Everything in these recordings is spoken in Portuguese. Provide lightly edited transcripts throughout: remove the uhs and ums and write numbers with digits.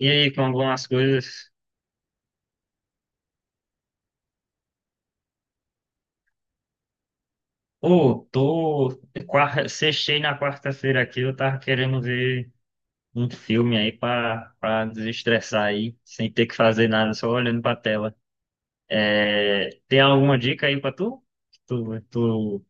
E aí, como vão as coisas? Ô, tô. Sextei na quarta-feira aqui, eu tava querendo ver um filme aí pra desestressar aí, sem ter que fazer nada, só olhando pra tela. Tem alguma dica aí pra tu? Tu, tu...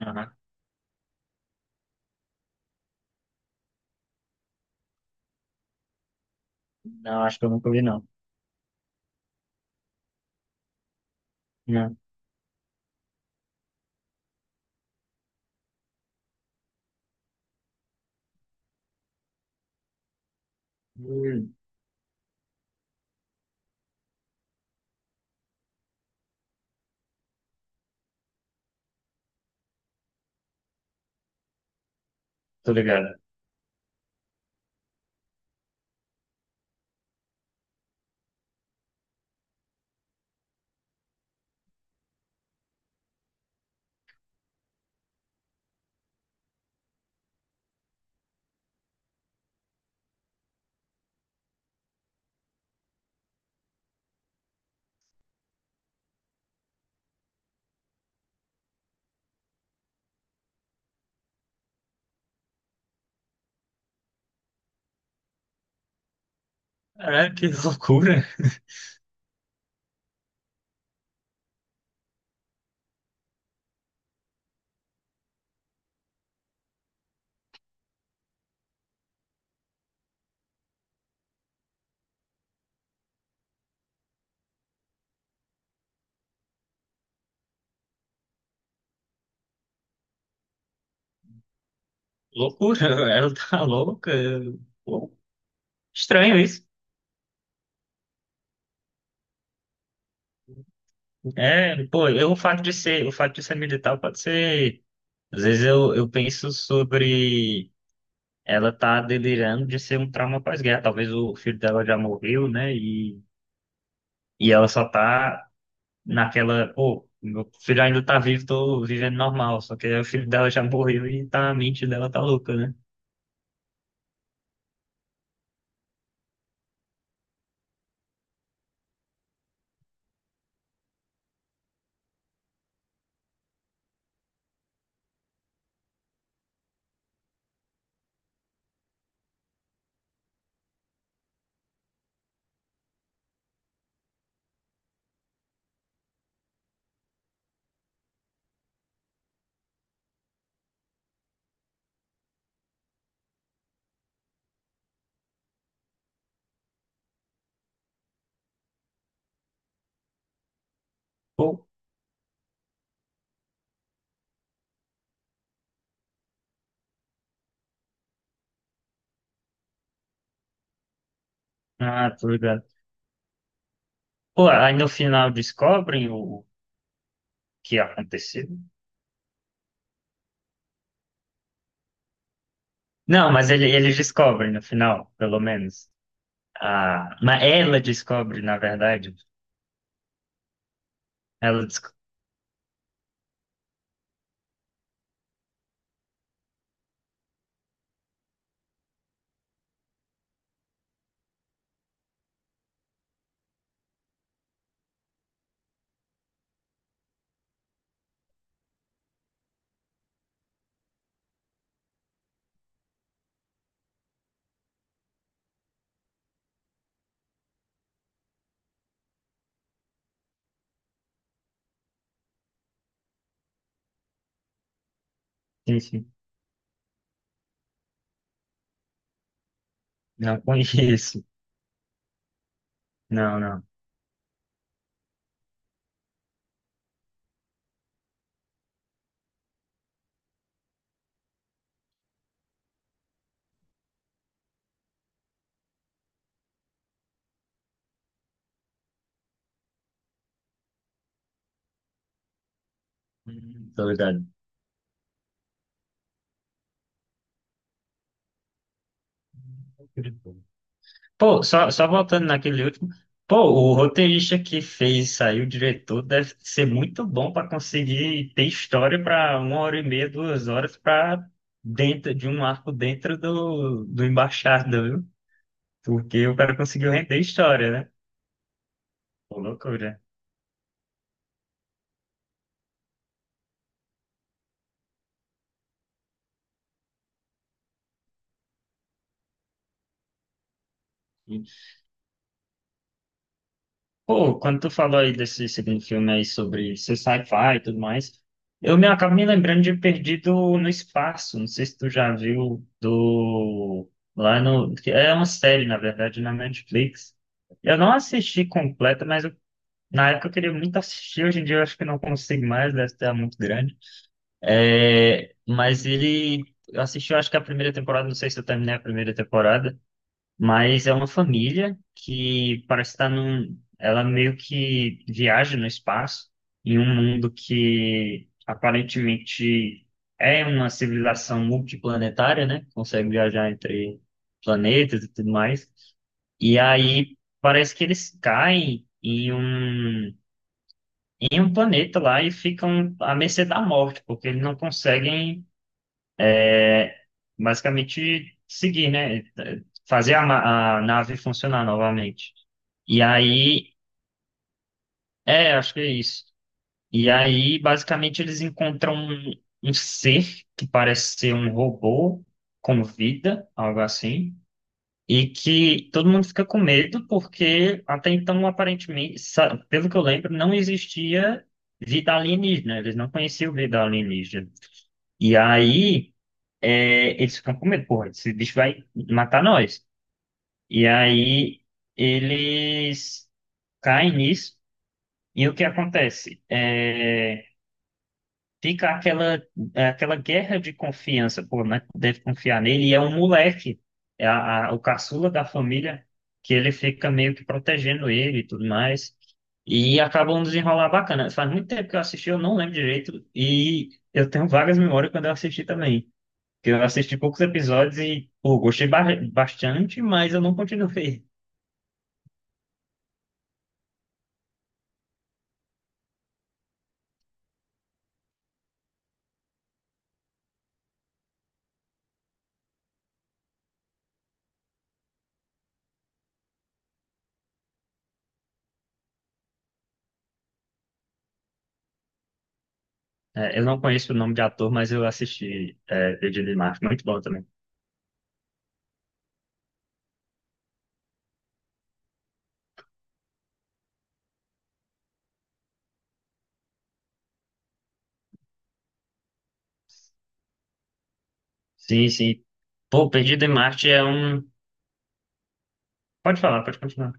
Ah, não, acho que eu nunca vi, não. Não. Hum, tô ligado. É, que loucura. Loucura, ela tá louca. Pô, estranho isso. É, pô, o fato de ser militar pode ser. Às vezes eu penso sobre ela tá delirando de ser um trauma pós-guerra. Talvez o filho dela já morreu, né? E ela só tá naquela, pô, meu filho ainda tá vivo, tô vivendo normal. Só que aí o filho dela já morreu e tá, a mente dela tá louca, né? Pô, ah, tô ligado. Pô, aí no final descobrem o que aconteceu. Não, mas eles descobrem no final, pelo menos. Ah, mas ela descobre, na verdade. Ela descobre. Enfim, não conheço. Não, não. Tô ligado. Pô, só voltando naquele último. Pô, o roteirista que fez sair o diretor deve ser muito bom para conseguir ter história para 1h30, 2 horas para dentro de um arco dentro do Embaixada, viu? Porque o cara conseguiu render história, né? Pô, loucura. Pô, quando tu falou aí desse segundo filme aí sobre ser sci-fi e tudo mais, eu me acabo me lembrando de Perdido no Espaço. Não sei se tu já viu do lá no que é uma série na verdade na Netflix. Eu não assisti completa, na época eu queria muito assistir. Hoje em dia eu acho que não consigo mais, deve estar muito grande. É, mas ele eu assisti, eu acho que a primeira temporada. Não sei se eu terminei a primeira temporada. Mas é uma família que parece estar num. Ela meio que viaja no espaço, em um mundo que aparentemente é uma civilização multiplanetária, né? Consegue viajar entre planetas e tudo mais. E aí parece que eles caem em um planeta lá e ficam à mercê da morte, porque eles não conseguem basicamente seguir, né? Fazer a nave funcionar novamente. E aí, é, acho que é isso. E aí, basicamente, eles encontram um ser que parece ser um robô com vida, algo assim, e que todo mundo fica com medo porque até então, aparentemente, pelo que eu lembro, não existia vida alienígena, eles não conheciam vida alienígena. E aí, é, eles ficam com medo, porra, esse bicho vai matar nós. E aí eles caem nisso, e o que acontece? É, fica aquela guerra de confiança, pô, né? Deve confiar nele, e é um moleque, é o caçula da família, que ele fica meio que protegendo ele e tudo mais. E acaba um desenrolar bacana. Faz muito tempo que eu assisti, eu não lembro direito, e eu tenho vagas memórias quando eu assisti também. Porque eu assisti poucos episódios e, pô, gostei bastante, mas eu não continuei. É, eu não conheço o nome de ator, mas eu assisti Perdido em Marte. Muito bom também. Sim, sim. Pô, Perdido em Marte é um. Pode falar, pode continuar.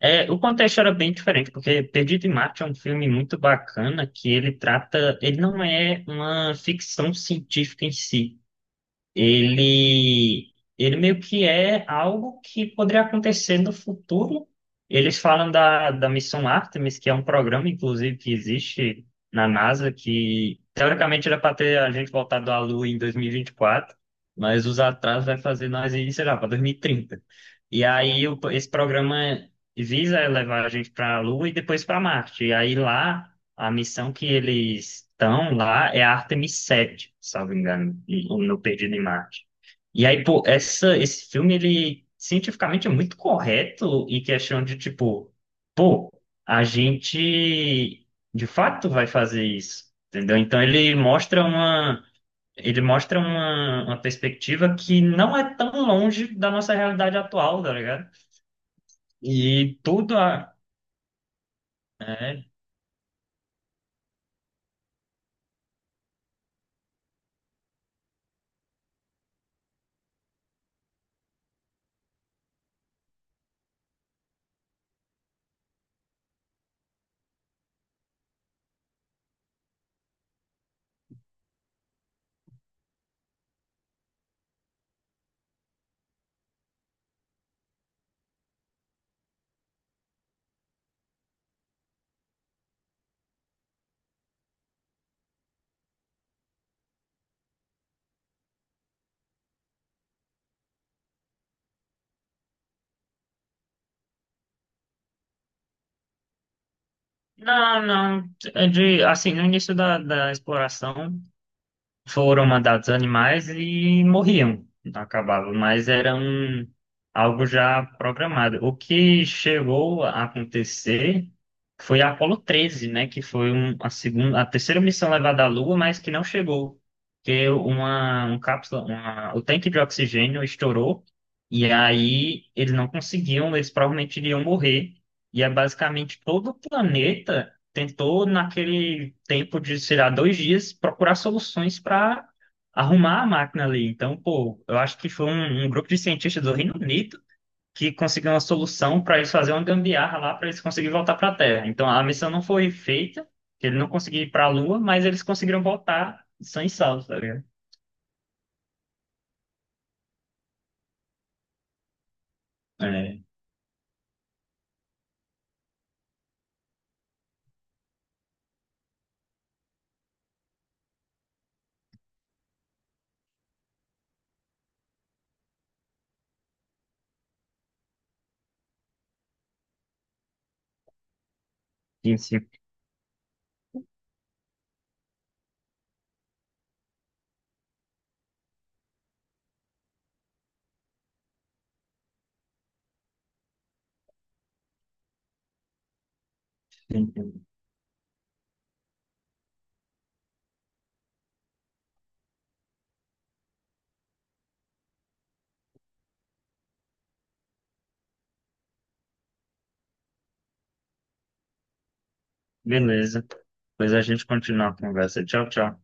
É, o contexto era bem diferente, porque Perdido em Marte é um filme muito bacana que ele trata. Ele não é uma ficção científica em si. ele, ele meio que é algo que poderia acontecer no futuro. Eles falam da missão Artemis, que é um programa, inclusive, que existe na NASA, que teoricamente era para ter a gente voltado à Lua em dois mil e vinte e quatro, mas os atrasos vai fazer nós ir, sei lá, para 2030. E trinta. E aí esse programa visa levar a gente para a Lua e depois para Marte. E aí lá a missão que eles estão lá é a Artemis 7, salvo engano, no Perdido em Marte. E aí, pô, esse filme, ele cientificamente é muito correto em questão de, tipo, pô, a gente de fato vai fazer isso, entendeu? Então ele mostra uma perspectiva que não é tão longe da nossa realidade atual, tá ligado? E tudo a, é, Não, não. É de, assim, no início da exploração foram mandados animais e morriam, acabavam, mas era algo já programado. O que chegou a acontecer foi a Apollo 13, né, que foi a terceira missão levada à Lua, mas que não chegou, porque uma, um cápsula, uma, o tanque de oxigênio estourou e aí eles não conseguiam, eles provavelmente iriam morrer. E é basicamente todo o planeta tentou, naquele tempo de, sei lá, 2 dias, procurar soluções para arrumar a máquina ali. Então, pô, eu acho que foi um grupo de cientistas do Reino Unido que conseguiu uma solução para eles fazer uma gambiarra lá, para eles conseguirem voltar para a Terra. Então, a missão não foi feita, eles não conseguiram ir para a Lua, mas eles conseguiram voltar são e salvo, tá ligado? É, sim, sim, sim. Beleza. Depois a gente continua a conversa. Tchau, tchau.